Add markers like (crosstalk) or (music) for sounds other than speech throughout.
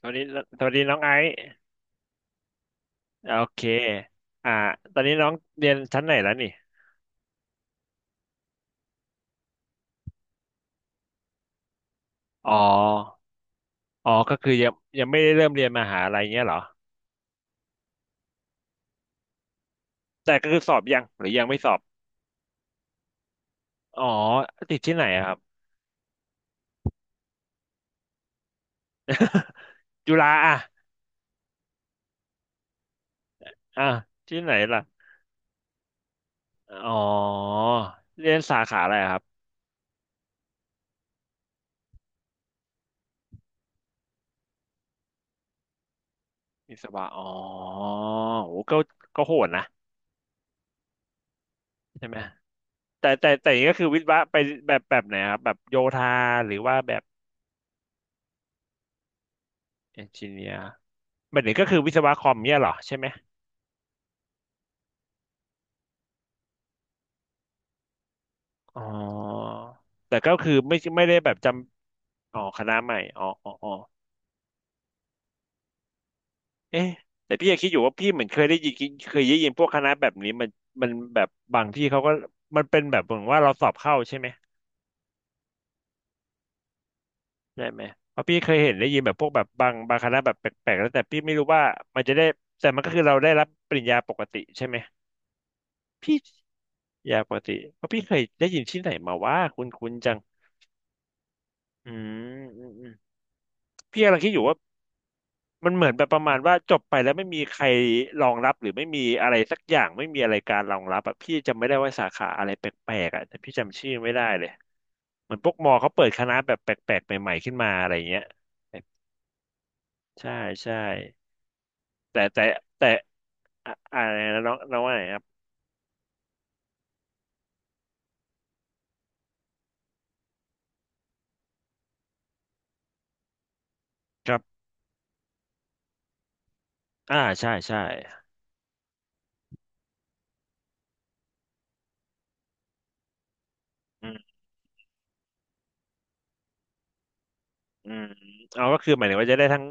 สวัสดีสวัสดีน้องไอซ์โอเคอ่าตอนนี้น้องเรียนชั้นไหนแล้วนี่อ๋ออ๋อก็คือยังไม่ได้เริ่มเรียนมหาลัยเงี้ยเหรอแต่ก็คือสอบยังหรือยังไม่สอบอ๋อติดที่ไหนอะครับจุฬาอ่ะอ่ะที่ไหนล่ะอ๋อเรียนสาขาอะไรอะครับวิศวะอ๋อโหก็โหดนะใช่ไหมแต่อย่างนี้ก็คือวิศวะไปแบบไหนอะครับแบบโยธาหรือว่าแบบเอนจิเนียร์แบบนี้ก็คือวิศวะคอมเนี่ยเหรอใช่ไหม อ๋อแต่ก็คือไม่ได้แบบจำอ๋อคณะใหม่อ๋ออ๋ออ๋อเอ๊ะแต่พี่ยังคิดอยู่ว่าพี่เหมือนเคยได้ยินพวกคณะแบบนี้มันแบบบางที่เขาก็มันเป็นแบบเหมือนว่าเราสอบเข้าใช่ไหมใช่ไหมเพราะพี่เคยเห็นได้ยินแบบพวกแบบบางคณะแบบแปลกๆแล้วแต่พี่ไม่รู้ว่ามันจะได้แต่มันก็คือเราได้รับปริญญาปกติใช่ไหมพี่ยาปกติเพราะพี่เคยได้ยินที่ไหนมาว่าคุณคุณจังอืมอืมอืมพี่กำลังคิดอยู่ว่า มันเหมือนแบบประมาณว่าจบไปแล้วไม่มีใครรองรับหรือไม่มีอะไรสักอย่างไม่มีอะไรการรองรับอ่ะพี่จำไม่ได้ว่าสาขาอะไรแปลกๆอ่ะแต่พี่จำชื่อไม่ได้เลยเหมือนพวกมอเขาเปิดคณะแบบแปลกๆใหม่ๆขึ้นมาอะไรเงี้ยใช่ใช่แต่แต่แต่อะอะไรนะน้องน้องว่าไงครับครับอ่าใช่ใช่อืมอืมเอาก็คือหมายถึงว่าจะได้ทั้ง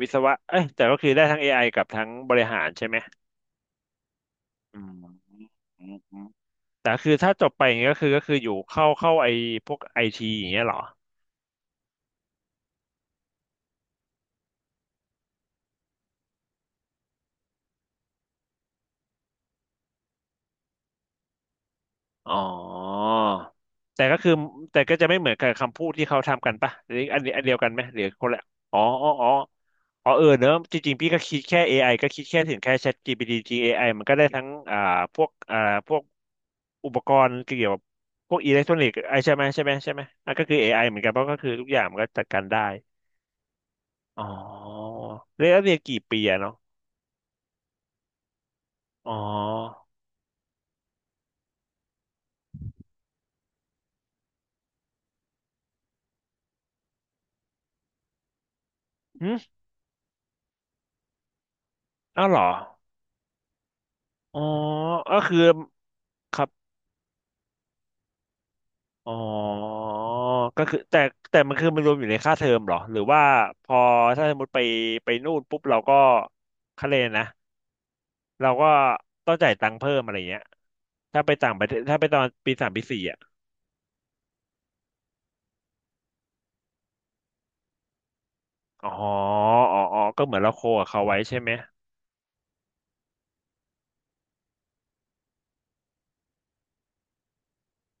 วิศวะเอ้ยแต่ก็คือได้ทั้ง AI กับทั้งบริหารใช่ไหมอืม แต่คือถ้าจบไปอย่างเงี้ยก็คืออยู่เข้าไอพวกไอทีอย่างเงี้ยเหรออ๋อแต่ก็คือแต่ก็จะไม่เหมือนกับคำพูดที่เขาทำกันปะหรืออันเดียวกันไหมหรือคนละอ๋ออ๋ออ๋ออ๋อเออเนอะจริงๆพี่ก็คิดแค่เอไ i ก็คิดแค่ถึงแค่ ChatGPT AI มันก็ได้ทั้งพวกพวกอุปกรณ์เกี่ยวกับพวกอิเล็กทรอนิกส์ไอใช่ไหมอ่ะก็คือเอไ i เหมือนกันเพราะก็คือทุกอย่างมันก็จัดการได้อ๋อเรียนกี่ปีอะเนาะอ๋อ อ้าวเหรออ๋อก็คือครับอ๋อก็คือแต่มันคือมันรวมอยู่ในค่าเทอมเหรอหรือว่าพอถ้าสมมติไปนู่นปุ๊บเราก็คะเลนนะเราก็ต้องจ่ายตังค์เพิ่มอะไรเงี้ยถ้าไปต่างประเทศถ้าไปตอนปีสามปีสี่อ่ะอ๋ออ๋ออ๋อก็เหมือนเราโคกับเขาไว้ใช่ไหม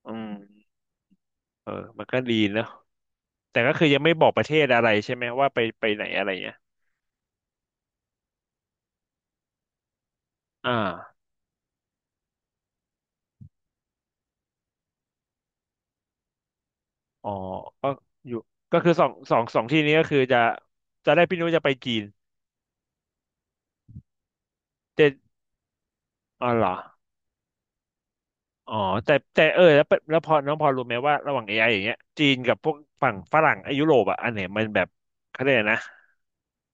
อืมเออมันก็ดีเนอะแต่ก็คือยังไม่บอกประเทศอะไรใช่ไหมว่าไปไหนอะไรเงี้ยอ่า อ๋อก็อยู่ก็คือสองที่นี้ก็คือจะได้พี่นุ้ยจะไปจีนแต่อ๋อเหรออ๋อแต่แต่เออแล้วเป็นแล้วพอน้องพอรู้ไหมว่าระหว่าง AI อไออย่างเงี้ยจีนกับพวกฝั่งฝรั่งไอ้ยุโรปอ่ะอันไหนมันแบบเขาเรียกอะไรนะ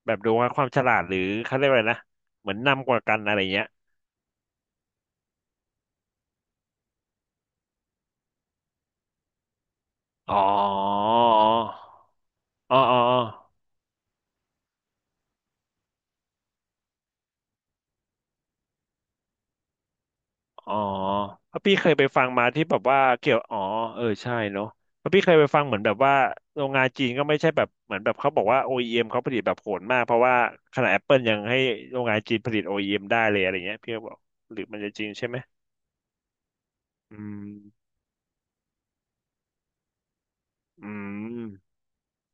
แบบดูว่าความฉลาดหรือเขาเรียกว่าอะไรนะเหมือนนำกว่ากันอะไรเงี้ยอ๋ออ๋ออ๋อ อ๋อเพราะพี่เคยไปฟังมาที่แบบว่าเกี่ยวอ๋อเออใช่เนาะเพราะพี่เคยไปฟังเหมือนแบบว่าโรงงานจีนก็ไม่ใช่แบบเหมือนแบบเขาบอกว่า OEM เอ็มเขาผลิตแบบโหดมากเพราะว่าขนาด Apple ยังให้โรงงานจีนผลิต OEM ได้เลยอะไรเงี้ยพี่ก็บอกหรือมันจะจริงใช่ไหมอืมอืม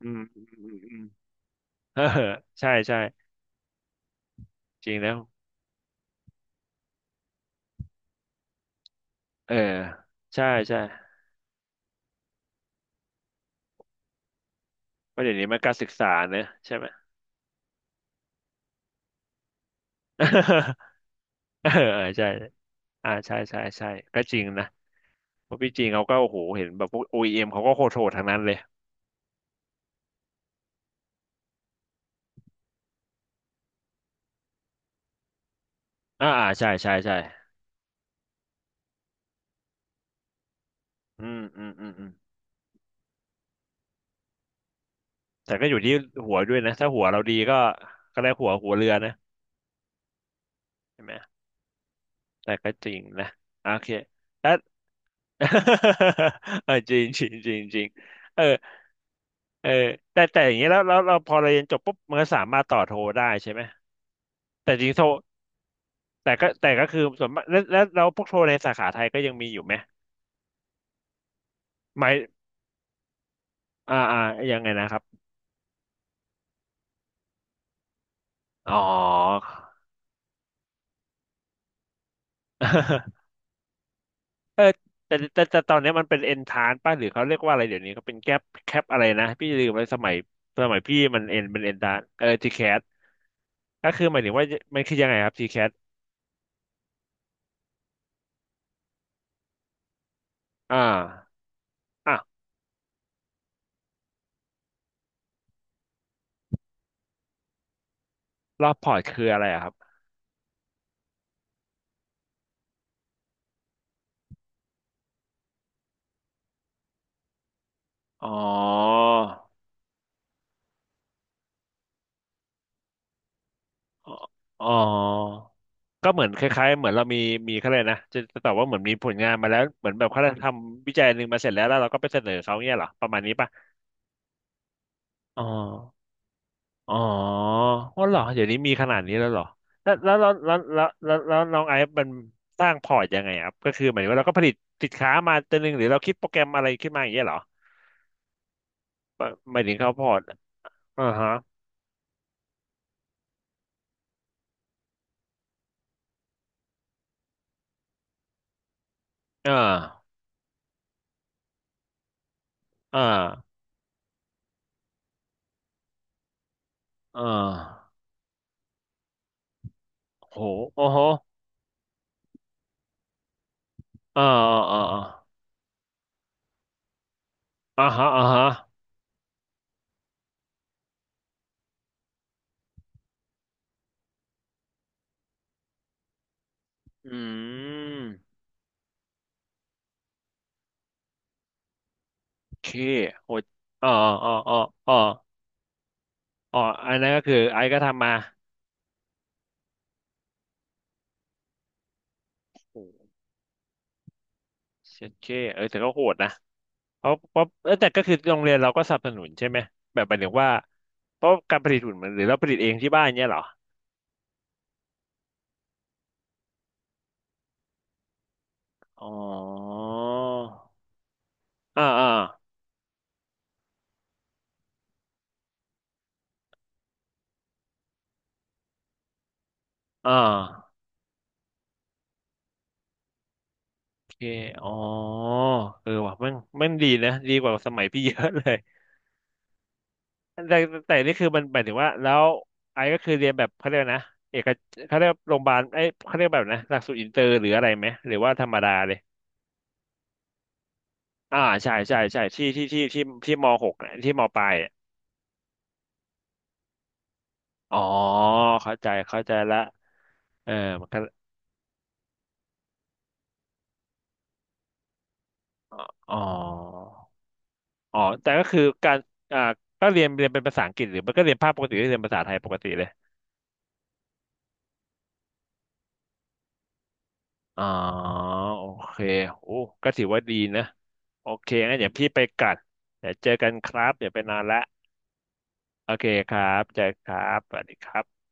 อืมอืมอืมอืมเออใช่ใช่จริงแล้วเออใช่ใช่เพราะเดี๋ยวนี้มันการศึกษาเนอะใช่ไหม (laughs) เออใช่อ่าใช่ใช่ใช่ก็จริงนะ เพราะพี่จีนเขาก็โอ้โหเห็นแบบพวก OEM เอ็มเขาก็โคตรโหดทั้งนั้นเลยอ่าอ่าใช่ใช่ใช่อืมอืมอืมอืมแต่ก็อยู่ที่หัวด้วยนะถ้าหัวเราดีก็ก็ได้หัวเรือนะใช่ไหมแต่ก็จริงนะโอเคแล้ว (laughs) เออจริงจริงจริงจริงเออเออแต่แต่อย่างนี้แล้วเราพอเราเรียนจบปุ๊บมันก็สามารถต่อโทได้ใช่ไหมแต่จริงโทแต่ก็คือส่วนมากแล้วพวกโทในสาขาไทยก็ยังมีอยู่ไหมหมายอ่าอ่ายังไงนะครับอ๋อ เออแต่ตอนนี้มันเป็นเอนทานป่ะหรือเขาเรียกว่าอะไรเดี๋ยวนี้เขาเป็นแคปอะไรนะพี่ลืมไปสมัยสมัยพี่มันเอนเป็นเอนทานทีแคสก็คือหมายถึงว่ามันคือยังไงครับทีแคสอ่าอ่ะรอบพอร์ตคืออะไรอะครับอ๋ออ๋ออ๋อก็เหมือนคล้ายๆเหมือนเรามีเขาเลยกนะจะตอบว่าเหมือนมีผลงานมาแล้วเหมือนแบบเขาทำวิจัยหนึ่งมาเสร็จแล้วแล้วเราก็ไปเสนอเขาเนี่ยเหรอประมาณนี้ป่ะอ๋อ อ๋ออ๋อเหรอเดี๋ยวนี้มีขนาดนี้แล้วเหรอแล้วแล้วแล้วแล้วแล้วแล้วแล้วน้องไอซ์มันสร้างพอร์ตยังไงครับก็คือหมายถึงว่าเราก็ผลิตสินค้ามาตัวหนึ่งหรือเราคิดโปรแกรมอะไรขึ้นมาอย่างเงี้ยเหรอหมายถึงเขาพอร์ตอ่าฮะอ่าอ่าอ่าโหโอ้โหอ่าอ่าฮะอ่าฮะอืมโอเคโหอ่าอ่าอ่าอ่าอ่าอันนั้นก็คือไอซ์ก็ทำมาโอเชดเคเออแต่ก็โหดนะ เพราะเอ้ยแต่ก็คือโรงเรียนเราก็สนับสนุนใช่ไหมแบบหมายถึงว่าเพราะการผลิตหุ่นมันหรือเราผลิตเองที่บ้านเนี้ยเหรออ๋ออ่าอ่าอ่าโอเคอ๋อเออว่ะมันดีนะดีกว่าสมัยพี่เยอะเลย (laughs) แต่แต่นี่คือมันหมายถึงว่าแล้วไอ้ก็คือเรียนแบบเขาเรียกนะเอกเขาเรียกโรงพยาบาลไอ้ยเขาเรียกแบบนะหลักสูตรอินเตอร์หรืออะไรไหมหรือว่าธรรมดาเลยใช่ใช่ที่ที่มหกอะที่มปลายอะอ๋อเข้าใจเข้าใจละ เออมันก็อ๋ออ๋อแต่ก็คือการอ่าก็เรียนเรียนเป็นภาษาอังกฤษหรือมันก็เรียนภาคปกติหรือเรียนภาษาไทยปกติเลย อ๋อ โอเค โอ้ก็ถือว่าดีนะ โอเคงั้นเดี๋ยวพี่ไปกัดเดี๋ยวเจอกันครับเดี๋ยวไปนอนละโอเคครับเจอครับสวัสดีครับ